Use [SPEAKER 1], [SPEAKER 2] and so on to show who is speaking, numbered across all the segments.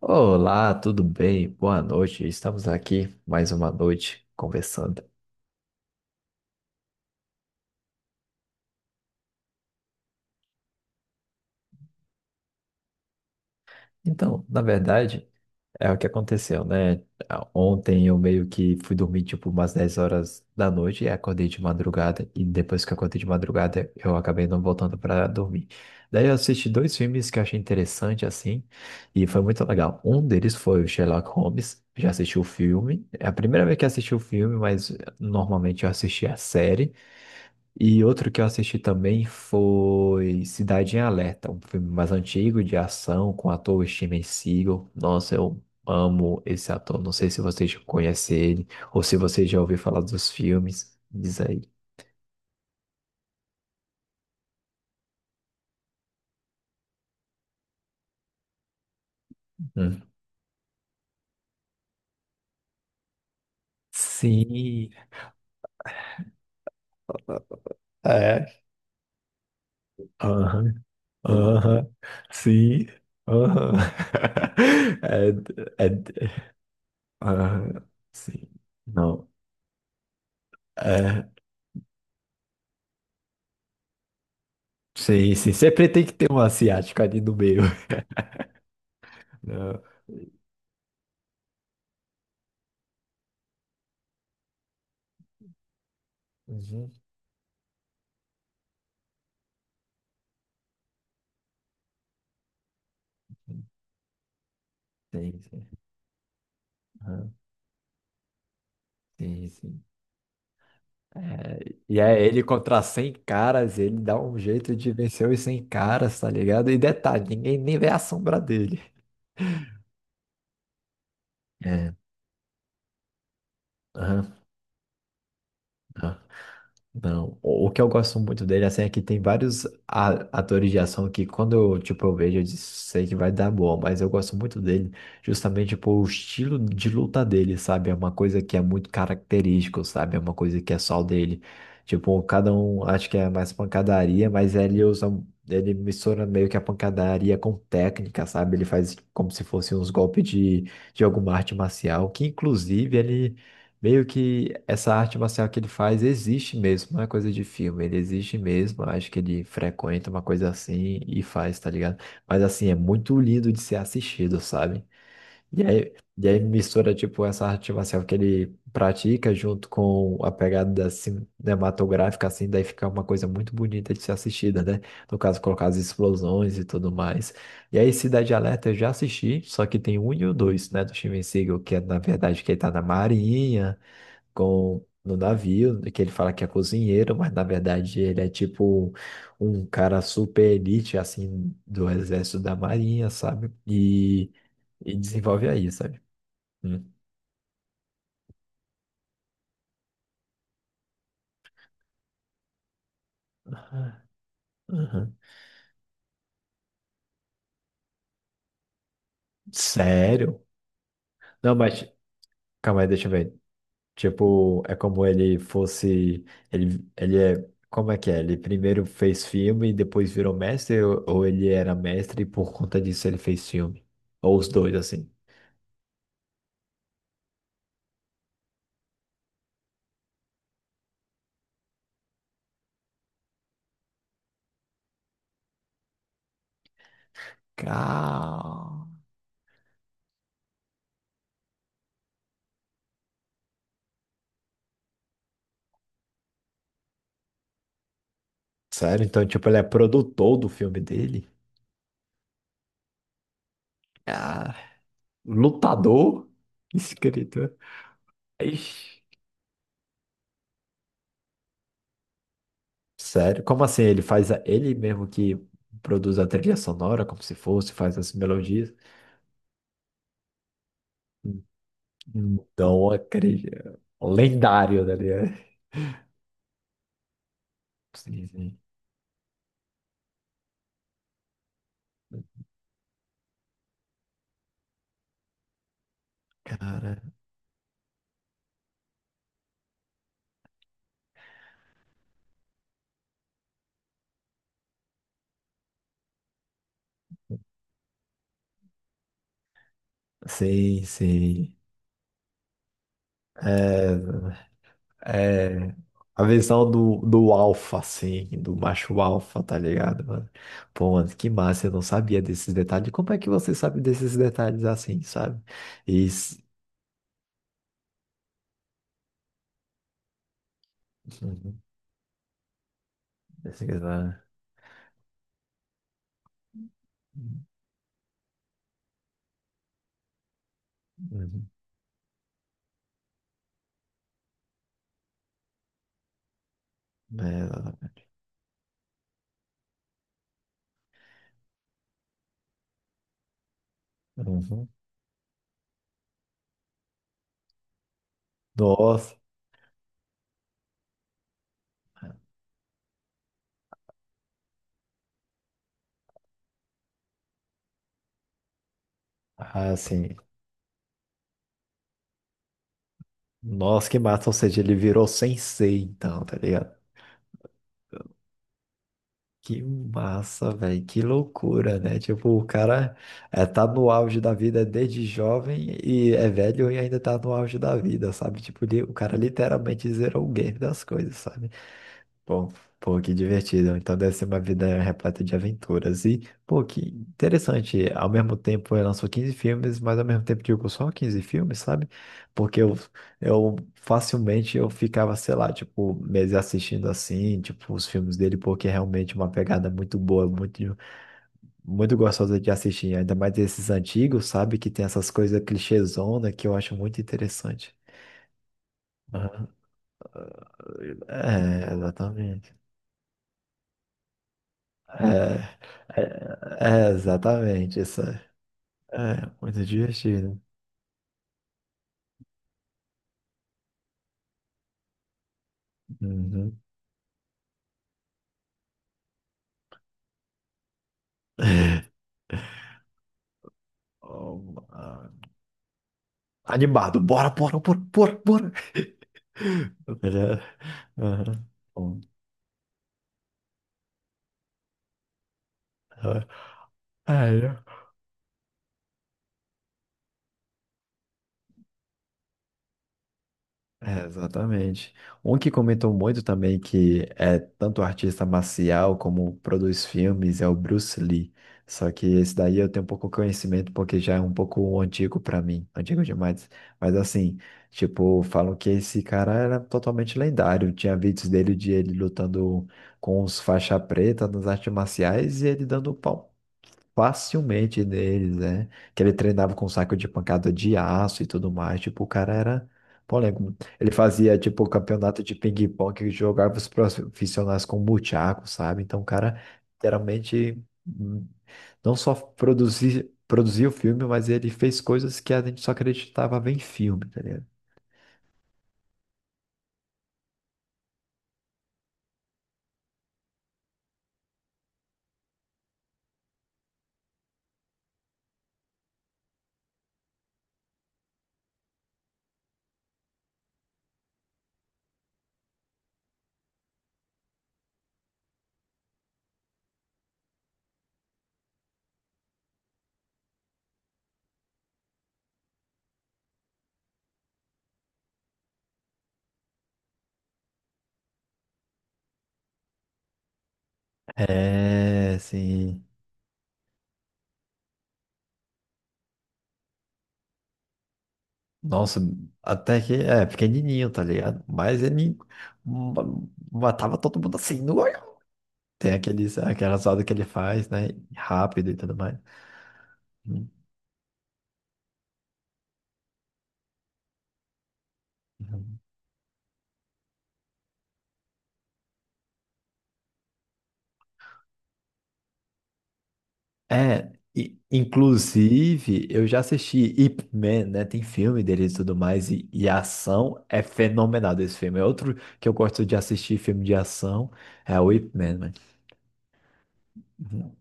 [SPEAKER 1] Olá, tudo bem? Boa noite. Estamos aqui mais uma noite conversando. Então, na verdade, é o que aconteceu, né? Ontem eu meio que fui dormir tipo umas 10 horas da noite e acordei de madrugada. E depois que eu acordei de madrugada, eu acabei não voltando para dormir. Daí eu assisti dois filmes que eu achei interessante assim e foi muito legal. Um deles foi o Sherlock Holmes. Já assisti o filme. É a primeira vez que assisti o filme, mas normalmente eu assisti a série. E outro que eu assisti também foi Cidade em Alerta, um filme mais antigo de ação com o ator Steven Seagal. Nossa, eu amo esse ator. Não sei se você já conhece ele ou se você já ouviu falar dos filmes. Diz aí. Hum. Sim. É, aham, aham, sim, aham. É, é, aham, sim, não, é, sim, sim, sempre tem que ter um asiático ali no meio. Não. Uhum. Sim, sim. Aham. Tem, sim. É, e é ele contra 100 caras, ele dá um jeito de vencer os 100 caras, tá ligado? E detalhe, ninguém nem vê a sombra dele. É, aham, aham. Não, o que eu gosto muito dele, assim, é que tem vários atores de ação que quando eu, tipo, eu vejo, eu sei que vai dar boa, mas eu gosto muito dele justamente por o estilo de luta dele, sabe? É uma coisa que é muito característico, sabe? É uma coisa que é só dele. Tipo, cada um acho que é mais pancadaria, mas ele mistura meio que a pancadaria com técnica, sabe? Ele faz como se fosse uns golpes de alguma arte marcial, que inclusive ele meio que essa arte marcial que ele faz existe mesmo, não é coisa de filme, ele existe mesmo. Acho que ele frequenta uma coisa assim e faz, tá ligado? Mas assim, é muito lindo de ser assistido, sabe? E aí mistura, tipo, essa arte marcial que ele pratica junto com a pegada cinematográfica, assim, daí fica uma coisa muito bonita de ser assistida, né? No caso, colocar as explosões e tudo mais. E aí, Cidade Alerta eu já assisti, só que tem um e o dois, né? Do Steven Seagal, que é, na verdade, que ele tá na Marinha com no navio, que ele fala que é cozinheiro, mas na verdade ele é tipo um cara super elite, assim, do exército da marinha, sabe? E desenvolve aí, sabe? Hum. Aham, aham. Sério? Não, mas calma aí, deixa eu ver. Tipo, é como ele fosse. Ele é. Como é que é? Ele primeiro fez filme e depois virou mestre? Ou ele era mestre e por conta disso ele fez filme? Ou os dois, assim? Calma. Sério? Então, tipo, ele é produtor do filme dele? Ah, lutador, escritor. Ixi, sério? Como assim? Ele mesmo que produz a trilha sonora, como se fosse, faz as melodias. Então, acredito. Lendário, né? Sim, sim. Cara, sim, sim. É, é, a visão do alfa, assim, do macho alfa, tá ligado, mano? Pô, mano, que massa, eu não sabia desses detalhes. Como é que você sabe desses detalhes assim, sabe? E... s- Uhum. Esse que tá- Uhum. É, uhum. Nossa, assim, nossa, que massa, ou seja, ele virou sensei, então, tá ligado? Que massa, velho, que loucura, né? Tipo, o cara é, tá no auge da vida desde jovem e é velho e ainda tá no auge da vida, sabe? Tipo, o cara literalmente zerou o game das coisas, sabe? Bom, pô, que divertido. Então deve ser uma vida repleta de aventuras. E, pô, que interessante. Ao mesmo tempo, ele lançou 15 filmes, mas ao mesmo tempo, digo, só 15 filmes, sabe? Porque eu facilmente eu ficava, sei lá, tipo, meses assistindo assim, tipo, os filmes dele, porque é realmente uma pegada muito boa, muito, muito gostosa de assistir. Ainda mais esses antigos, sabe? Que tem essas coisas clichêzona que eu acho muito interessante. Aham. É, exatamente. É, é, é, exatamente, isso é, é muito divertido. Uhum. Oh, ah, animado, bora, bora, bora, bora, bora. Beleza. Uhum. Bom, ah, é. É, exatamente. Um que comentou muito também que é tanto artista marcial como produz filmes é o Bruce Lee. Só que esse daí eu tenho pouco conhecimento porque já é um pouco antigo para mim, antigo demais. Mas assim, tipo, falam que esse cara era totalmente lendário. Tinha vídeos dele de ele lutando com os faixa preta nas artes marciais e ele dando facilmente deles, né? Que ele treinava com saco de pancada de aço e tudo mais. Tipo, o cara era polêmico. Ele fazia, tipo, campeonato de ping-pong que jogava os profissionais com buchaco, sabe? Então, o cara literalmente não só produzia o filme, mas ele fez coisas que a gente só acreditava ver em filme, tá ligado? É, sim. Nossa, até que é pequenininho, tá ligado? Mas ele ma- matava todo mundo assim. Tem aquelas rodas que ele faz, né? Rápido e tudo mais. Hum, hum. É, e, inclusive, eu já assisti Ip Man, né? Tem filme dele e tudo mais, e a ação é fenomenal desse filme. É outro que eu gosto de assistir filme de ação é o Ip Man, mano. Uhum.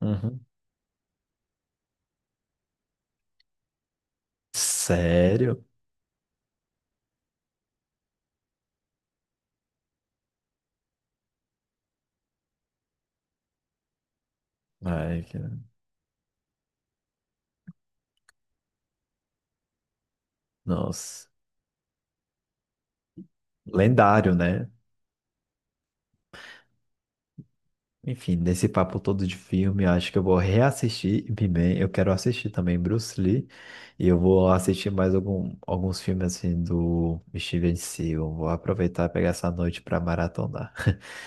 [SPEAKER 1] Uhum. Sério? Ai, nossa. Lendário, né? Enfim, nesse papo todo de filme, eu acho que eu vou reassistir He-Man. Eu quero assistir também Bruce Lee. E eu vou assistir mais alguns filmes assim do Steven Seagal. Vou aproveitar e pegar essa noite para maratonar.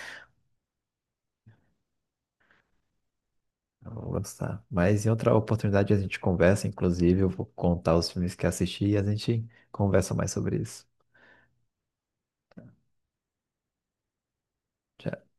[SPEAKER 1] Eu vou gostar. Mas em outra oportunidade a gente conversa, inclusive, eu vou contar os filmes que assisti e a gente conversa mais sobre isso. Tchau.